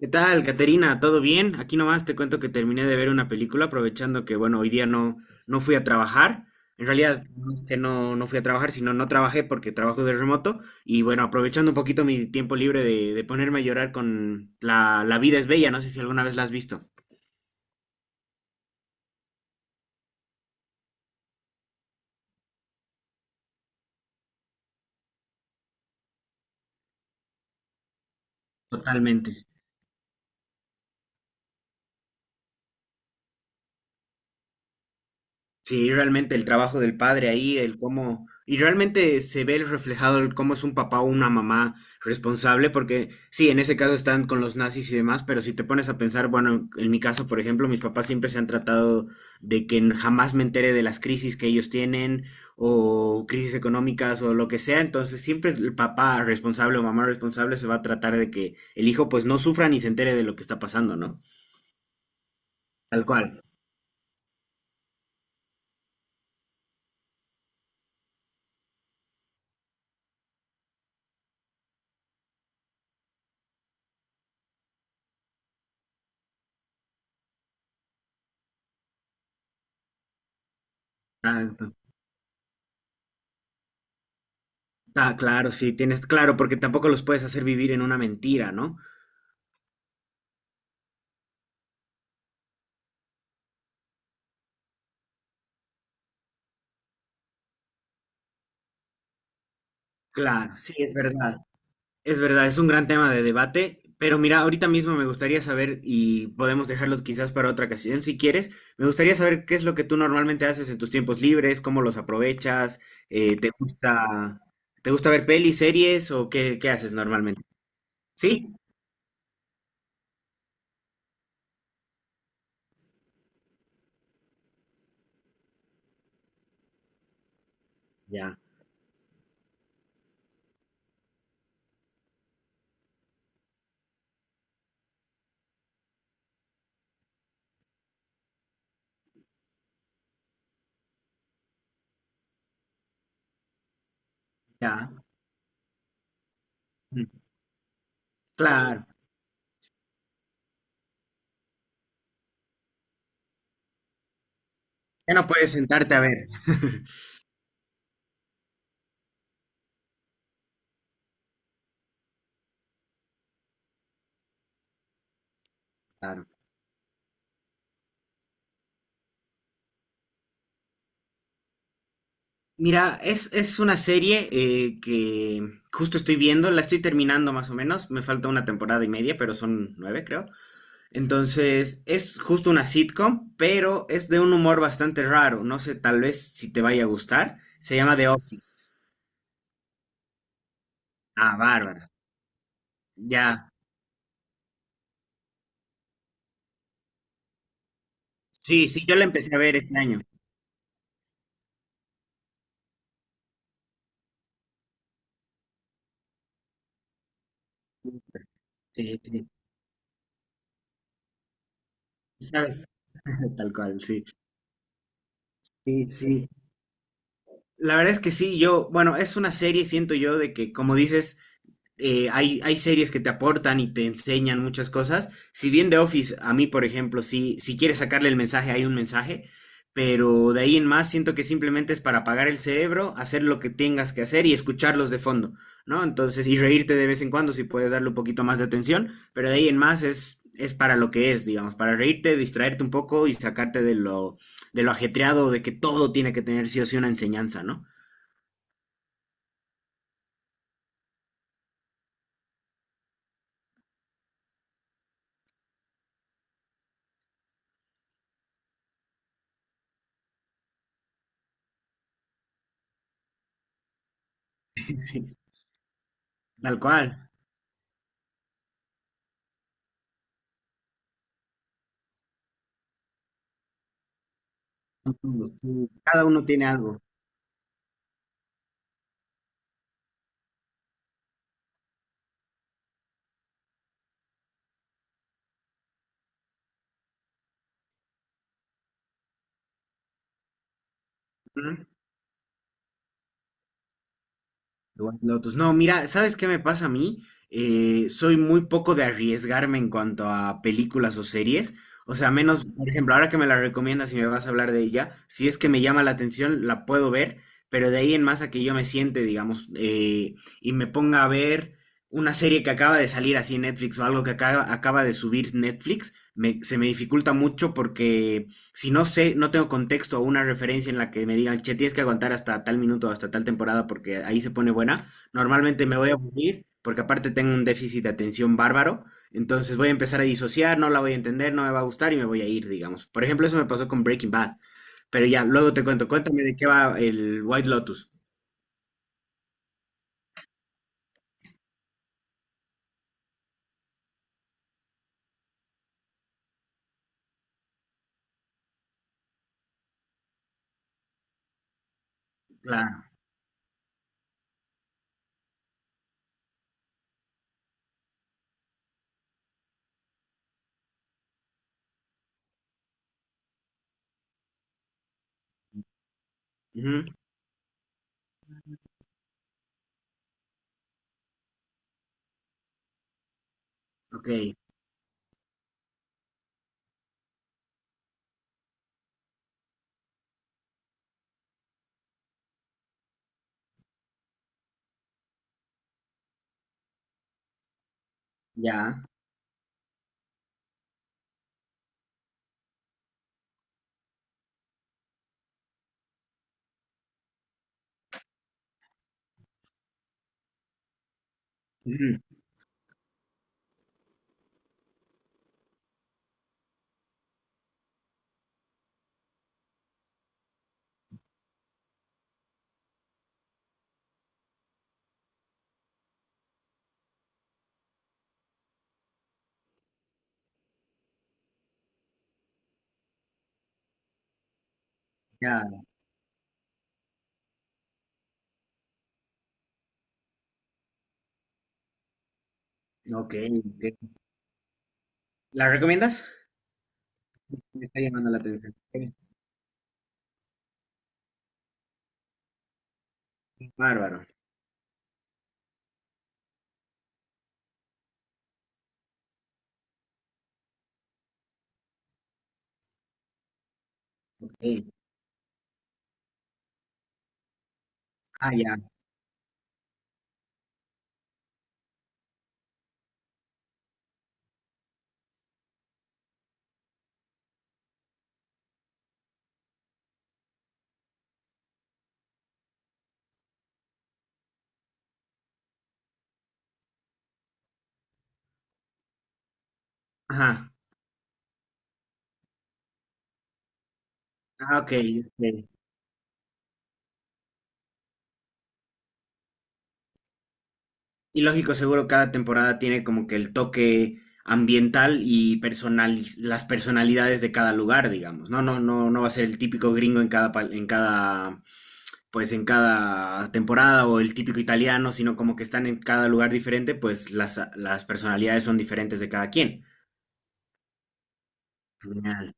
¿Qué tal, Caterina? ¿Todo bien? Aquí nomás te cuento que terminé de ver una película, aprovechando que, bueno, hoy día no fui a trabajar. En realidad, no es que no fui a trabajar, sino no trabajé porque trabajo de remoto. Y bueno, aprovechando un poquito mi tiempo libre de ponerme a llorar con La vida es bella. No sé si alguna vez la has visto. Totalmente. Sí, realmente el trabajo del padre ahí, el cómo, y realmente se ve el reflejado el cómo es un papá o una mamá responsable, porque sí, en ese caso están con los nazis y demás, pero si te pones a pensar, bueno, en mi caso, por ejemplo, mis papás siempre se han tratado de que jamás me entere de las crisis que ellos tienen o crisis económicas o lo que sea, entonces siempre el papá responsable o mamá responsable se va a tratar de que el hijo pues no sufra ni se entere de lo que está pasando, ¿no? Tal cual. Ah. Ah, claro, sí, tienes, claro, porque tampoco los puedes hacer vivir en una mentira, ¿no? Claro, sí, es verdad. Es verdad, es un gran tema de debate, pero mira, ahorita mismo me gustaría saber, y podemos dejarlo quizás para otra ocasión si quieres, me gustaría saber qué es lo que tú normalmente haces en tus tiempos libres, cómo los aprovechas, eh, ¿te gusta, te gusta ver pelis, series o qué, qué haces normalmente? ¿Sí? Ya, ya. Mm. Claro, ya no puedes sentarte a ver. Claro. Mira, es una serie que justo estoy viendo, la estoy terminando más o menos, me falta una temporada y media, pero son nueve creo. Entonces, es justo una sitcom, pero es de un humor bastante raro, no sé tal vez si te vaya a gustar. Se llama The Office. Ah, bárbara. Ya. Sí, sí, yo la empecé a ver este año. Sí, sí, sabes, tal cual, sí. Sí, sí. La verdad es que sí, yo, bueno, es una serie, siento yo, de que, como dices, hay, hay series que te aportan y te enseñan muchas cosas. Si bien The Office, a mí, por ejemplo, sí, si quieres sacarle el mensaje, hay un mensaje, pero de ahí en más siento que simplemente es para apagar el cerebro, hacer lo que tengas que hacer y escucharlos de fondo, ¿no? Entonces, y reírte de vez en cuando si puedes darle un poquito más de atención, pero de ahí en más es para lo que es, digamos, para reírte, distraerte un poco y sacarte de de lo ajetreado de que todo tiene que tener sí o sí una enseñanza, ¿no? Sí. Tal cual. Sí. Cada uno tiene algo. ¿Mm? The White Lotus. No, mira, ¿sabes qué me pasa a mí? Soy muy poco de arriesgarme en cuanto a películas o series. O sea, menos, por ejemplo, ahora que me la recomiendas y me vas a hablar de ella, si es que me llama la atención, la puedo ver, pero de ahí en más a que yo me siente, digamos, y me ponga a ver una serie que acaba de salir así en Netflix o algo que acaba de subir Netflix, se me dificulta mucho porque si no sé, no tengo contexto o una referencia en la que me digan, che, tienes que aguantar hasta tal minuto hasta tal temporada porque ahí se pone buena, normalmente me voy a aburrir porque aparte tengo un déficit de atención bárbaro, entonces voy a empezar a disociar, no la voy a entender, no me va a gustar y me voy a ir, digamos. Por ejemplo, eso me pasó con Breaking Bad, pero ya, luego te cuento, cuéntame de qué va el White Lotus. Claro. Ujú. Ok, ya. Ujú. Ya, ok. Ok. ¿La recomiendas? Me está llamando la atención. Ok. Bárbaro. Ok. Ah, ya. Ajá. Ah, ok, ok. Y lógico, seguro cada temporada tiene como que el toque ambiental y las personalidades de cada lugar, digamos. No, no, no, no va a ser el típico gringo en cada, en cada, pues en cada temporada o el típico italiano, sino como que están en cada lugar diferente, pues las personalidades son diferentes de cada quien. Genial.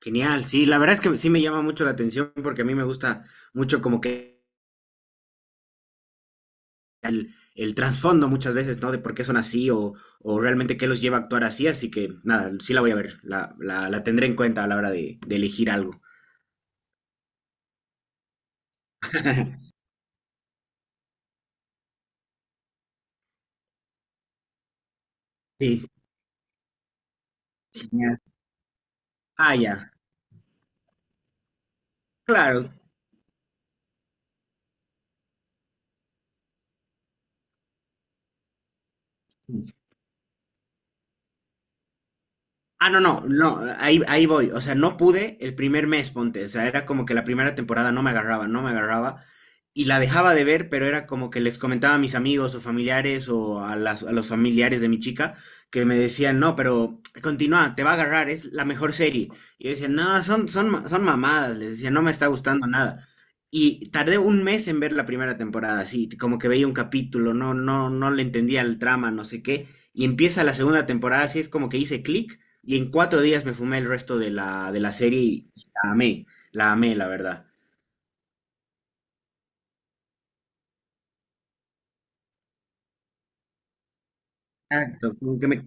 Genial, sí, la verdad es que sí me llama mucho la atención porque a mí me gusta mucho como que el trasfondo muchas veces, ¿no? De por qué son así o realmente qué los lleva a actuar así. Así que nada, sí la voy a ver, la tendré en cuenta a la hora de elegir algo. Sí. Ah, ya, claro. Sí. Ah, no, no, no, ahí, ahí voy. O sea, no pude el primer mes, ponte. O sea, era como que la primera temporada no me agarraba, no me agarraba. Y la dejaba de ver, pero era como que les comentaba a mis amigos o familiares o a a los familiares de mi chica que me decían, no, pero continúa, te va a agarrar, es la mejor serie. Y yo decía, no, son mamadas, les decía, no me está gustando nada. Y tardé un mes en ver la primera temporada, así, como que veía un capítulo, no le entendía el trama, no sé qué. Y empieza la segunda temporada, así es como que hice clic y en cuatro días me fumé el resto de de la serie y la amé, la amé, la verdad. Exacto, como que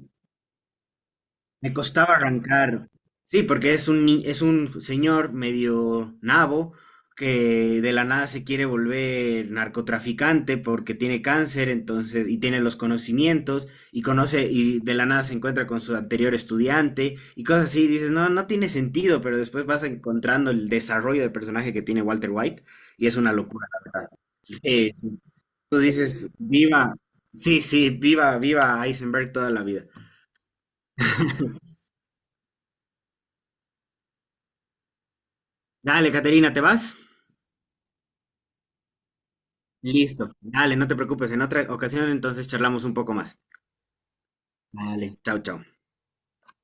me costaba arrancar. Sí, porque es un, es un señor medio nabo que de la nada se quiere volver narcotraficante porque tiene cáncer, entonces, y tiene los conocimientos, y conoce, y de la nada se encuentra con su anterior estudiante, y cosas así, dices, no, no tiene sentido, pero después vas encontrando el desarrollo de personaje que tiene Walter White, y es una locura, la verdad. Sí. Tú dices, viva. Sí, sí, viva, viva Eisenberg toda la vida. Dale, Caterina, ¿te vas? Listo. Dale, no te preocupes. En otra ocasión entonces charlamos un poco más. Dale, chao, chao.